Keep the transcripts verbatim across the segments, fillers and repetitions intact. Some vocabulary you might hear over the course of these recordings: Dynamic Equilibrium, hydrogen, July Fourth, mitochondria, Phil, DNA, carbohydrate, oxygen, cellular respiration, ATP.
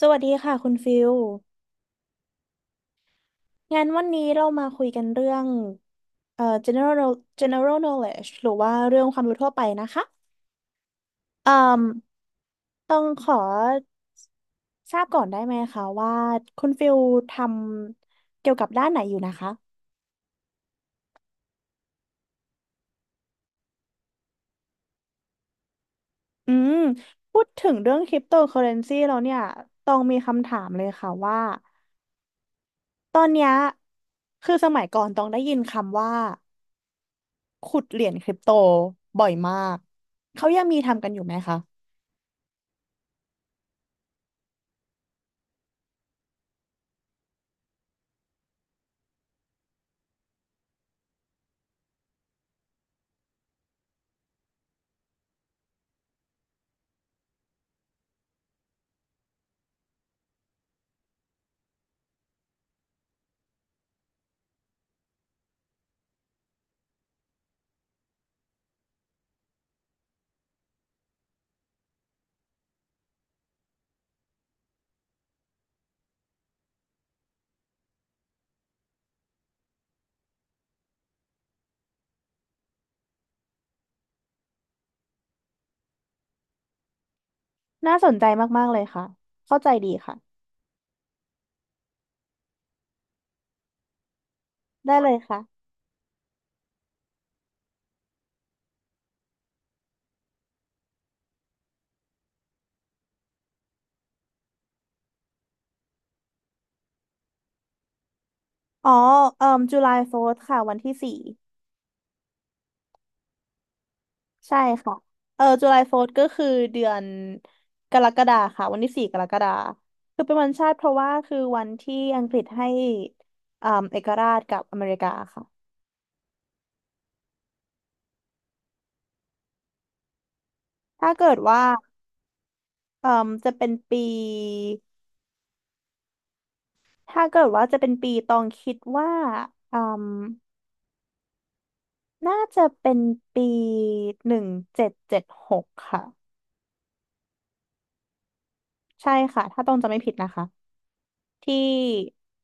สวัสดีค่ะคุณฟิลงานวันนี้เรามาคุยกันเรื่องเอ่อ general general knowledge หรือว่าเรื่องความรู้ทั่วไปนะคะเอ่อต้องขอทราบก่อนได้ไหมคะว่าคุณฟิลทำเกี่ยวกับด้านไหนอยู่นะคะอืมพูดถึงเรื่องคริปโตเคอเรนซีแล้วเนี่ยต้องมีคำถามเลยค่ะว่าตอนเนี้ยคือสมัยก่อนต้องได้ยินคำว่าขุดเหรียญคริปโตบ่อยมากเขายังมีทำกันอยู่ไหมคะ น่าสนใจมากๆเลยค่ะ เข้าใจดีค่ะ ได้เลยค่ะอ๋อเอ่อจุลายโฟร์ค่ะวันที่สี่ใช่ค่ะเออจุลายโฟร์ก็คือเดือนกรกฎาค่ะวันที่สี่กรกฎาคือเป็นวันชาติเพราะว่าคือวันที่อังกฤษให้เอ่อเอกราชกับอเมริกาค่ะถ้าเกิดว่าเอ่อจะเป็นปีถ้าเกิดว่าจะเป็นปีตองคิดว่าเอ่อน่าจะเป็นปีหนึ่งเจ็ดเจ็ดหกค่ะ ใช่ค่ะถ้าต้องจะไม่ผิดนะคะที่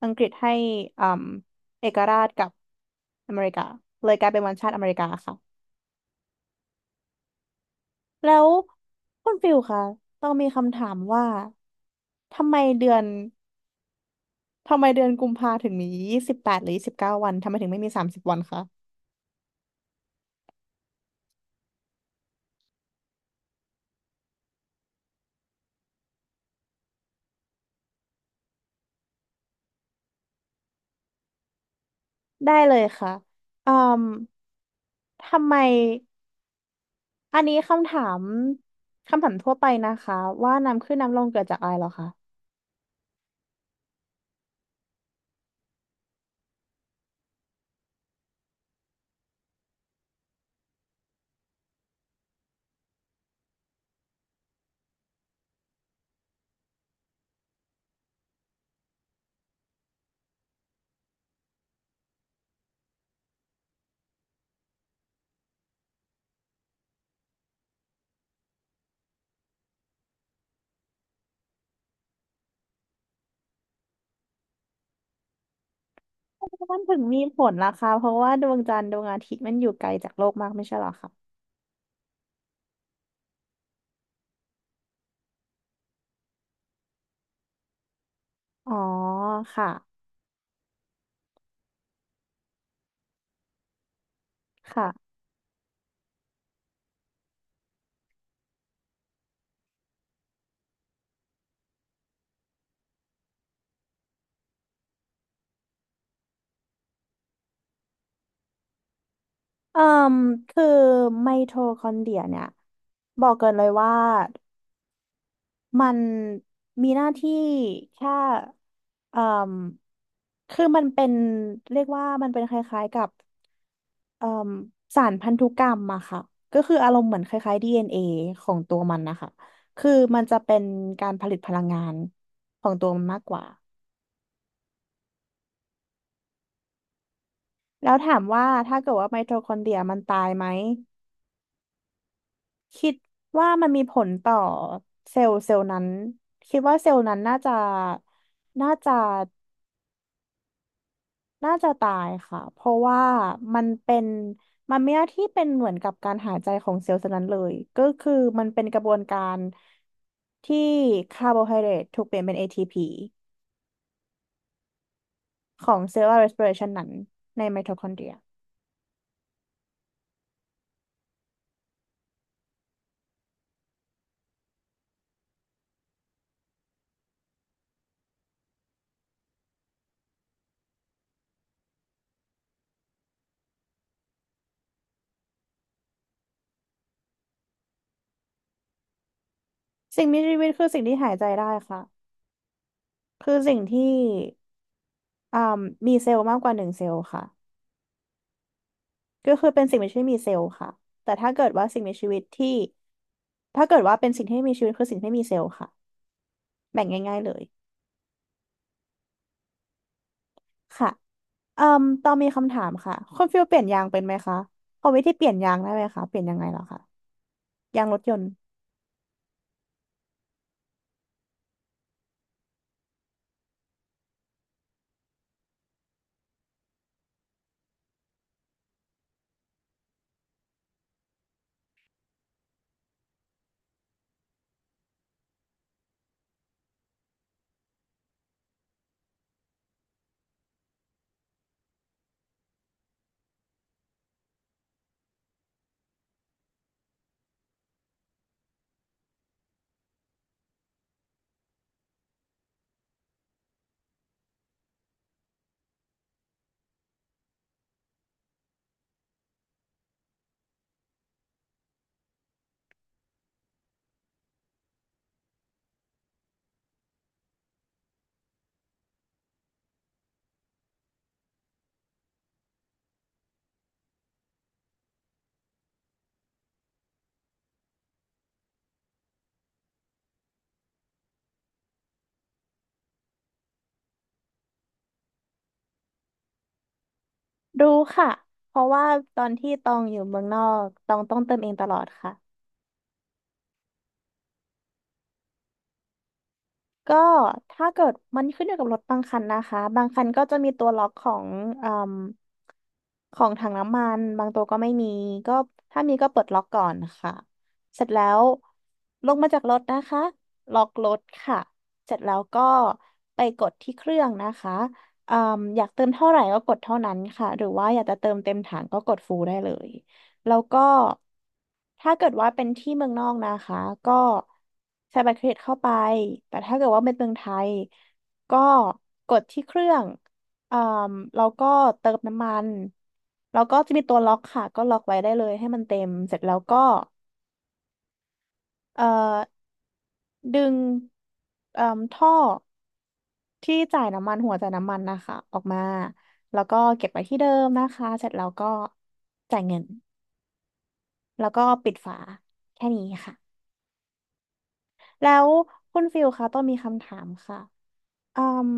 อังกฤษให้อืมเอกราชกับอเมริกาเลยกลายเป็นวันชาติอเมริกาค่ะแล้วคุณฟิลค่ะต้องมีคำถามว่าทำไมเดือนทำไมเดือนกุมภาถึงมียี่สิบแปดหรือยี่สิบเก้าวันทำไมถึงไม่มีสามสิบวันคะได้เลยค่ะอืมทำไมอันนี้คำถามคำถามทั่วไปนะคะว่าน้ำขึ้นน้ำลงเกิดจากอะไรเหรอคะ มันถึงมีผลล่ะคะเพราะว่าดวงจันทร์ดวงอาทิตย์มันอยู่ไกลจากโลกมากไม่ใช่เหรอคะอ๋อ ค่ะ ค่ะเอ่มคือไมโทคอนเดรียเนี่ยบอกเกินเลยว่ามันมีหน้าที่แค่เอ่มคือมันเป็นเรียกว่ามันเป็นคล้ายๆกับเอ่มสารพันธุกรรมอะค่ะก็คืออารมณ์เหมือนคล้ายๆ ดี เอ็น เอ ของตัวมันนะคะคือมันจะเป็นการผลิตพลังงานของตัวมันมากกว่า แล้วถามว่าถ้าเกิดว่าไมโทคอนเดรียมันตายไหมคิดว่ามันมีผลต่อเซลล์เซลล์นั้นคิดว่าเซลล์นั้นน่าจะน่าจะน่าจะตายค่ะเพราะว่ามันเป็นมันไม่ได้ที่เป็นเหมือนกับการหายใจของเซลล์เซลล์นั้นเลยก็คือมันเป็นกระบวนการที่คาร์โบไฮเดรตถูกเปลี่ยนเป็น เอ ที พี ของ cellular respiration นั้นในไมโทคอนเดรียสิ่งมีชีวิตคือสิ่งที่หายใจได้ค่ะคือสิ่งที่ อ่ามีเซลล์มากกว่าหนึ่งเซลล์ค่ะก็คือเป็นสิ่งมีชีวิต่มีเซลล์ค่ะแต่ถ้าเกิดว่าสิ่งมีชีวิตที่ถ้าเกิดว่าเป็นสิ่งที่มีชีวิตคือสิ่งที่มีเซลล์ค่ะแบ่งง่ายๆเลยค่ะเอืมตอนมีคำถามค่ะคุณฟิลเปลี่ยนยางเป็นไหมคะพอวิธีเปลี่ยนยางได้ไหมคะเปลี่ยนยังไงเหรอคะยางรถยนต์รู้ค่ะเพราะว่าตอนที่ตองอยู่เมืองนอกตองต้องเติมเองตลอดค่ะ ก็ถ้าเกิดมันขึ้นอยู่กับรถบางคันนะคะบางคันก็จะมีตัวล็อกของเอืมของถังน้ำมันบางตัวก็ไม่มีก็ถ้ามีก็เปิดล็อกก่อนค่ะเสร็จแล้วลงมาจากรถนะคะล็อกรถค่ะเสร็จแล้วก็ไปกดที่เครื่องนะคะเอมอยากเติมเท่าไหร่ก็กดเท่านั้นค่ะหรือว่าอยากจะเติมเต็มถังก็กดฟูลได้เลย แล้วก็ถ้าเกิดว่าเป็นที่เมืองนอกนะคะก็ใช้บัตรเครดิตเข้าไปแต่ถ้าเกิดว่าเป็นเมืองไทยก็กดที่เครื่องเอ่มแล้วก็เติมน้ำมันแล้วก็จะมีตัวล็อกค่ะก็ล็อกไว้ได้เลยให้มันเต็มเสร็จแล้วก็เอ่อดึงเอ่มท่อที่จ่ายน้ำมันหัวจ่ายน้ำมันนะคะออกมาแล้วก็เก็บไว้ที่เดิมนะคะเสร็จแล้วก็จ่ายเงินแล้วก็ปิดฝาแค่นี้ค่ะ แล้วคุณฟิลคะต้องมีคำถามค่ะอืม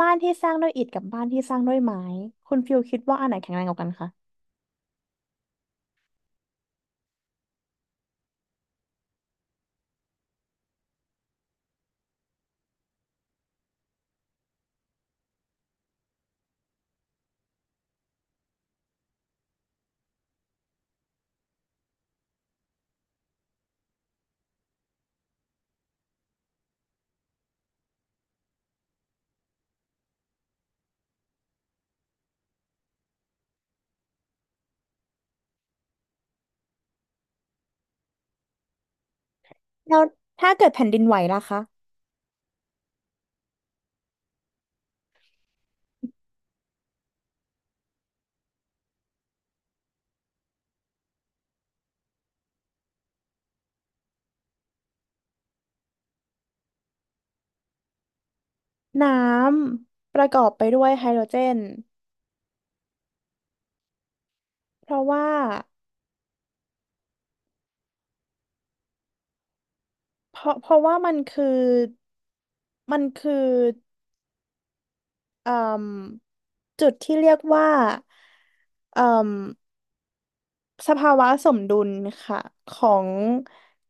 บ้านที่สร้างด้วยอิฐกับบ้านที่สร้างด้วยไม้คุณฟิลคิดว่าอันไหนแข็งแรงกว่ากันคะแล้วถ้าเกิดแผ่นดินไหวล่ะคะน้ำประกอบไปด้วยไฮโดรเจนเพราะว่าเพราะเพราะว่ามันคือมันคือ เอ่มจุดที่เรียกว่าเอ่มสภาวะสมดุลค่ะของ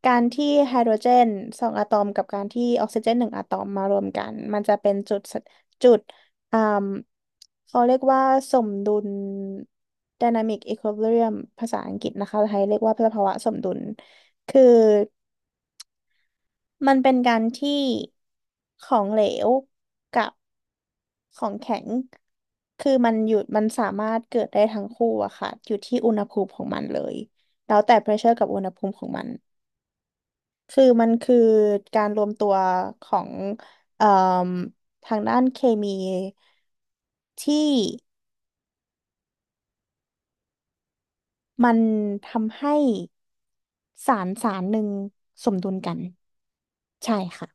การที่ไฮโดรเจนสองอะตอมกับการที่ออกซิเจนหนึ่งอะตอมมารวมกันมันจะเป็นจุดสจุดเอ่มเขาเรียกว่าสมดุล Dynamic Equilibrium ภาษาอังกฤษนะคะไทยเรียกว่าสภาวะสมดุลคือมันเป็นการที่ของเหลวกับของแข็ง คือมันอยู่มันสามารถเกิดได้ทั้งคู่อะค่ะอยู่ที่อุณหภูมิของมันเลยแล้วแต่ pressure กับอุณหภูมิของมันคือมันคือการรวมตัวของเอ่อทางด้านเคมีที่มันทำให้สารสารหนึ่งสมดุลกันใช่ค่ะ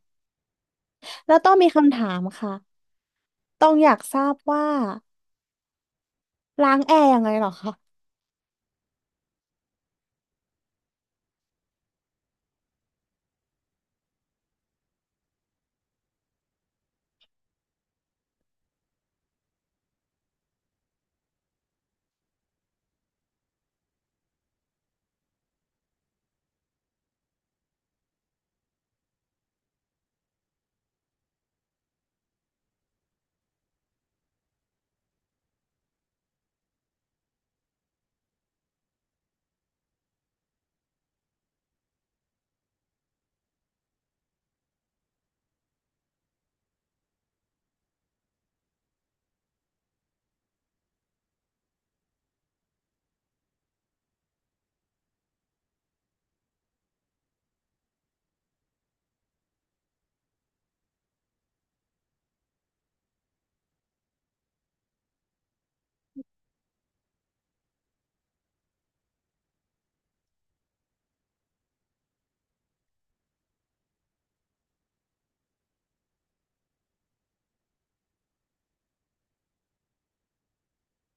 แล้วต้องมีคำถามค่ะต้องอยากทราบว่าล้างแอร์ยังไงเหรอคะ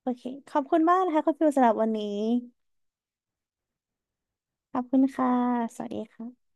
โอเคขอบคุณมากนะคะคุณฟิวสำหรับวันนี้ขอบคุณค่ะสวัสดีค่ะ